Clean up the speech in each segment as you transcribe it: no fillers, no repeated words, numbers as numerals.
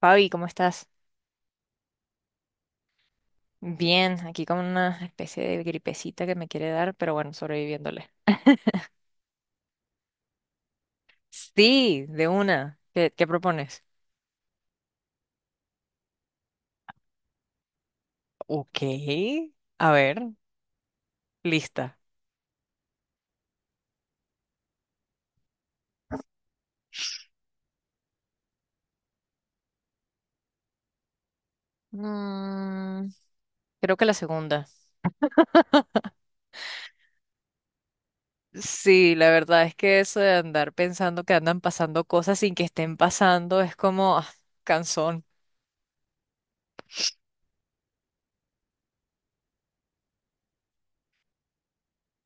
Fabi, ¿cómo estás? Bien, aquí con una especie de gripecita que me quiere dar, pero bueno, sobreviviéndole. Sí, de una. ¿Qué propones? Ok, a ver, lista. Mm, Creo que la segunda. Sí, la verdad es que eso de andar pensando que andan pasando cosas sin que estén pasando es como cansón.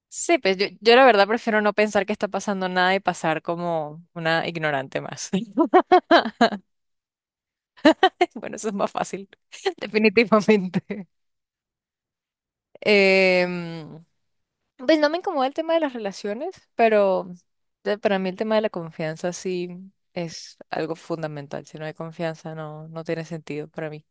Sí, pues yo la verdad prefiero no pensar que está pasando nada y pasar como una ignorante más. Bueno, eso es más fácil, definitivamente. Em, pues no me incomoda el tema de las relaciones, pero para mí el tema de la confianza sí es algo fundamental. Si no hay confianza, no, no tiene sentido para mí.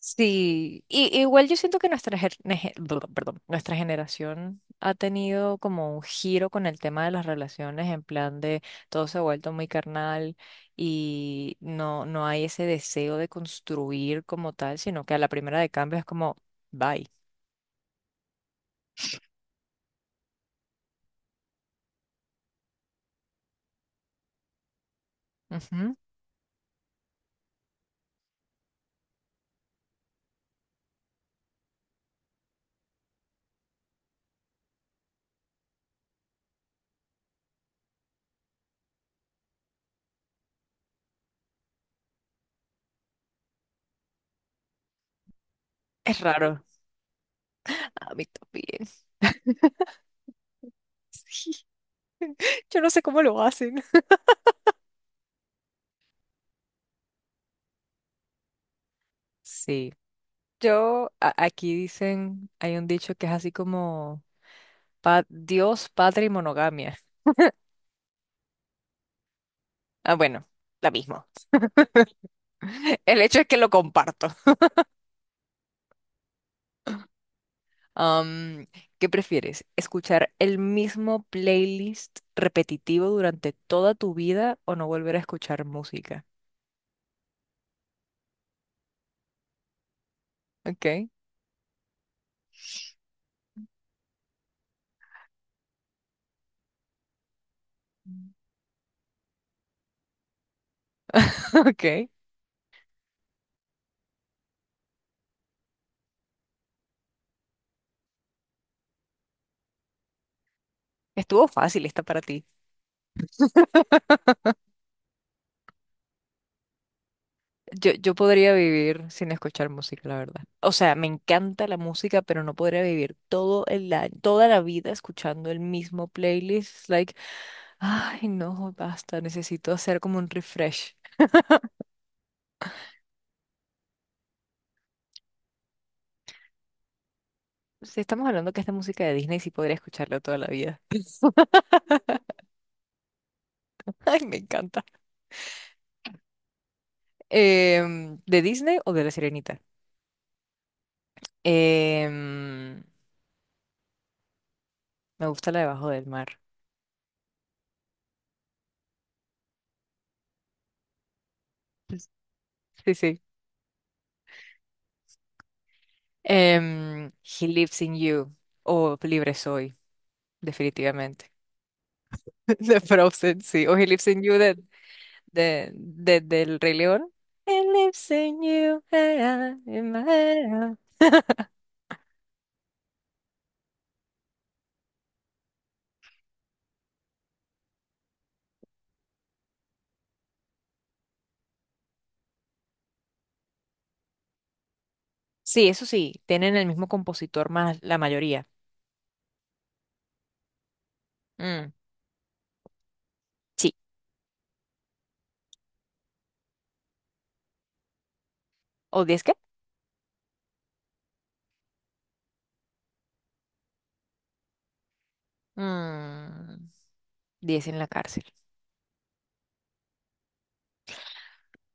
Sí, y, igual yo siento que nuestra, ger- nege- bla- perdón, nuestra generación ha tenido como un giro con el tema de las relaciones, en plan de todo se ha vuelto muy carnal y no, no hay ese deseo de construir como tal, sino que a la primera de cambio es como, bye. Ujú. Es raro. A mí también. Sí. Yo no sé cómo lo hacen. Sí. Yo, aquí dicen, hay un dicho que es así como Dios, padre y monogamia. Ah, bueno, la misma. El hecho es que lo comparto. Am, ¿Qué prefieres? ¿Escuchar el mismo playlist repetitivo durante toda tu vida o no volver a escuchar música? Ok. Ok. Estuvo fácil esta para ti. Yo podría vivir sin escuchar música, la verdad. O sea, me encanta la música, pero no podría vivir todo el año, toda la vida escuchando el mismo playlist. It's Like, ay, no, basta, necesito hacer como un refresh. Si estamos hablando que esta música de Disney sí podría escucharla toda la vida. Ay, me encanta. ¿De Disney o de La Sirenita? Em, me gusta la de Bajo del Mar. Sí, sí. He Lives in You o Libre Soy, definitivamente. De Frozen, sí. O He Lives in You del Rey León. He lives in you, in my head, ah. Sí, eso sí, tienen el mismo compositor más la mayoría. Mm, sí. ¿O diez qué? Mm, 10 en la cárcel.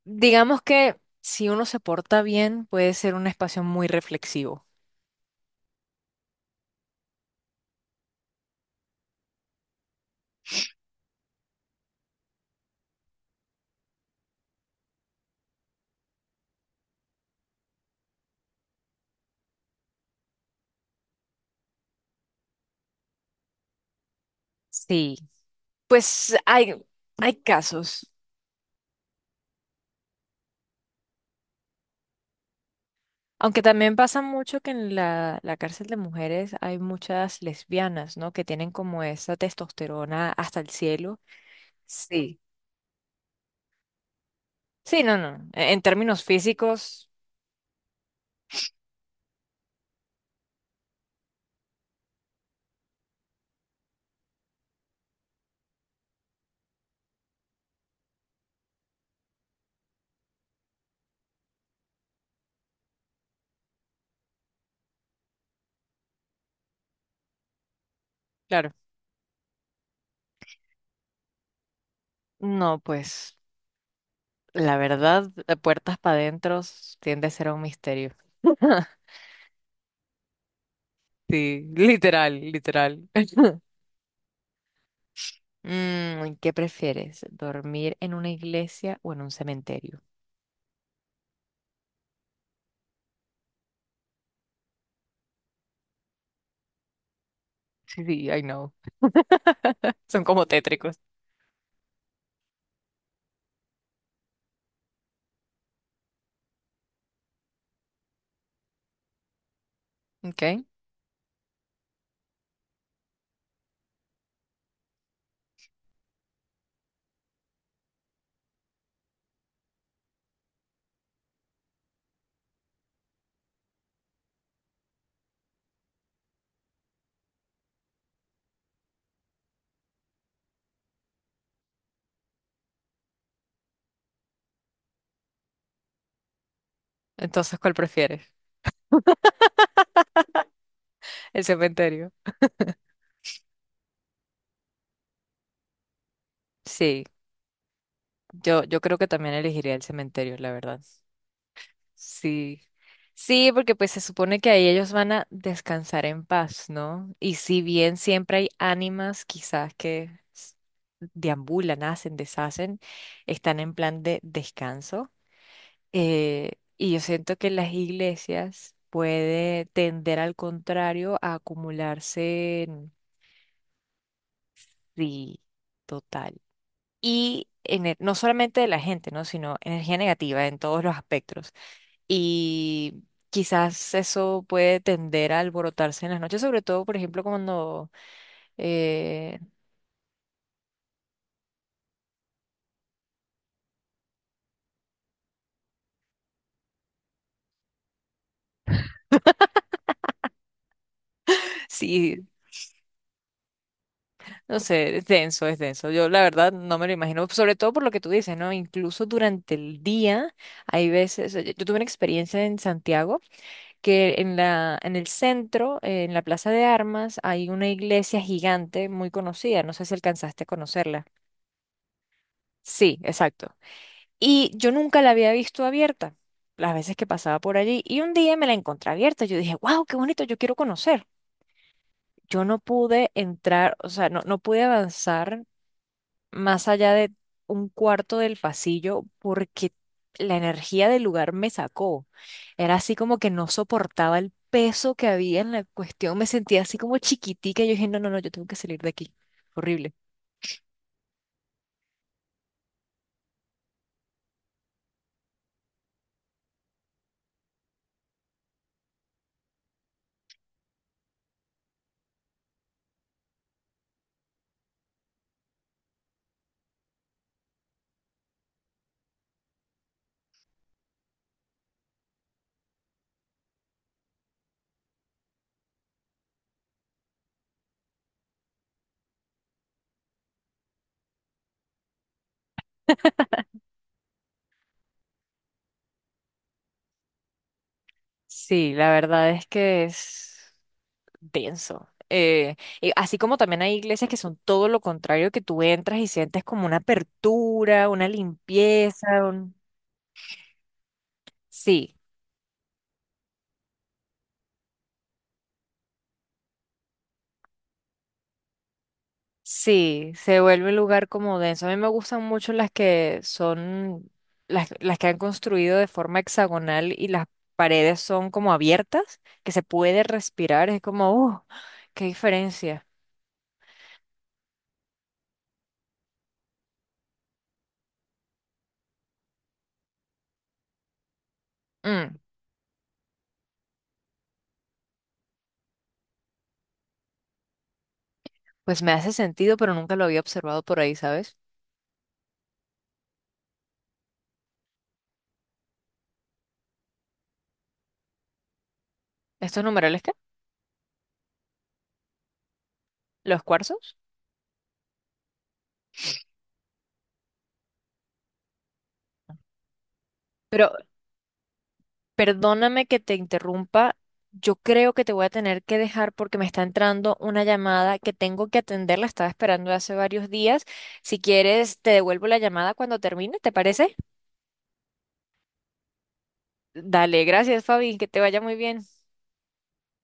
Digamos que si uno se porta bien, puede ser un espacio muy reflexivo. Sí. Pues hay casos. Aunque también pasa mucho que en la, la cárcel de mujeres hay muchas lesbianas, ¿no? Que tienen como esa testosterona hasta el cielo. Sí. Sí, no, no. En términos físicos, claro. No, pues la verdad, de puertas para adentro tiende a ser un misterio. Sí, literal, literal. ¿Qué prefieres? ¿Dormir en una iglesia o en un cementerio? Sí, sí, I know. Son como tétricos. Ok. Entonces, ¿cuál prefieres? El cementerio. Sí, yo creo que también elegiría el cementerio, la verdad. Sí. Sí, porque pues se supone que ahí ellos van a descansar en paz, ¿no? Y si bien siempre hay ánimas quizás que s- deambulan, hacen, deshacen, están en plan de descanso. Eh, y yo siento que las iglesias puede tender al contrario a acumularse, sí, y en no solamente de la gente, ¿no? Sino energía negativa en todos los aspectos. Y quizás eso puede tender a alborotarse en las noches, sobre todo, por ejemplo, cuando, eh, sí, no sé, es denso, es denso. Yo la verdad no me lo imagino, sobre todo por lo que tú dices, ¿no? Incluso durante el día hay veces, yo tuve una experiencia en Santiago que en la, en el centro, en la Plaza de Armas, hay una iglesia gigante muy conocida, no sé si alcanzaste a conocerla. Sí, exacto. Y yo nunca la había visto abierta, las veces que pasaba por allí. Y un día me la encontré abierta. Yo dije, wow, qué bonito, yo quiero conocer. Yo no pude entrar, o sea, no, no pude avanzar más allá de un cuarto del pasillo porque la energía del lugar me sacó. Era así como que no soportaba el peso que había en la cuestión. Me sentía así como chiquitica. Yo dije, no, no, no, yo tengo que salir de aquí. Horrible. Sí, la verdad es que es denso. Así como también hay iglesias que son todo lo contrario, que tú entras y sientes como una apertura, una limpieza, un... Sí, sí, se vuelve un lugar como denso. A mí me gustan mucho las que son, las que han construido de forma hexagonal y las paredes son como abiertas, que se puede respirar, es como, ¡uh! ¡Qué diferencia! Mm, pues me hace sentido, pero nunca lo había observado por ahí, ¿sabes? ¿Estos numerales qué? ¿Los cuarzos? Pero perdóname que te interrumpa. Yo creo que te voy a tener que dejar porque me está entrando una llamada que tengo que atender. La estaba esperando hace varios días. Si quieres, te devuelvo la llamada cuando termine, ¿te parece? Dale, gracias, Fabi. Que te vaya muy bien.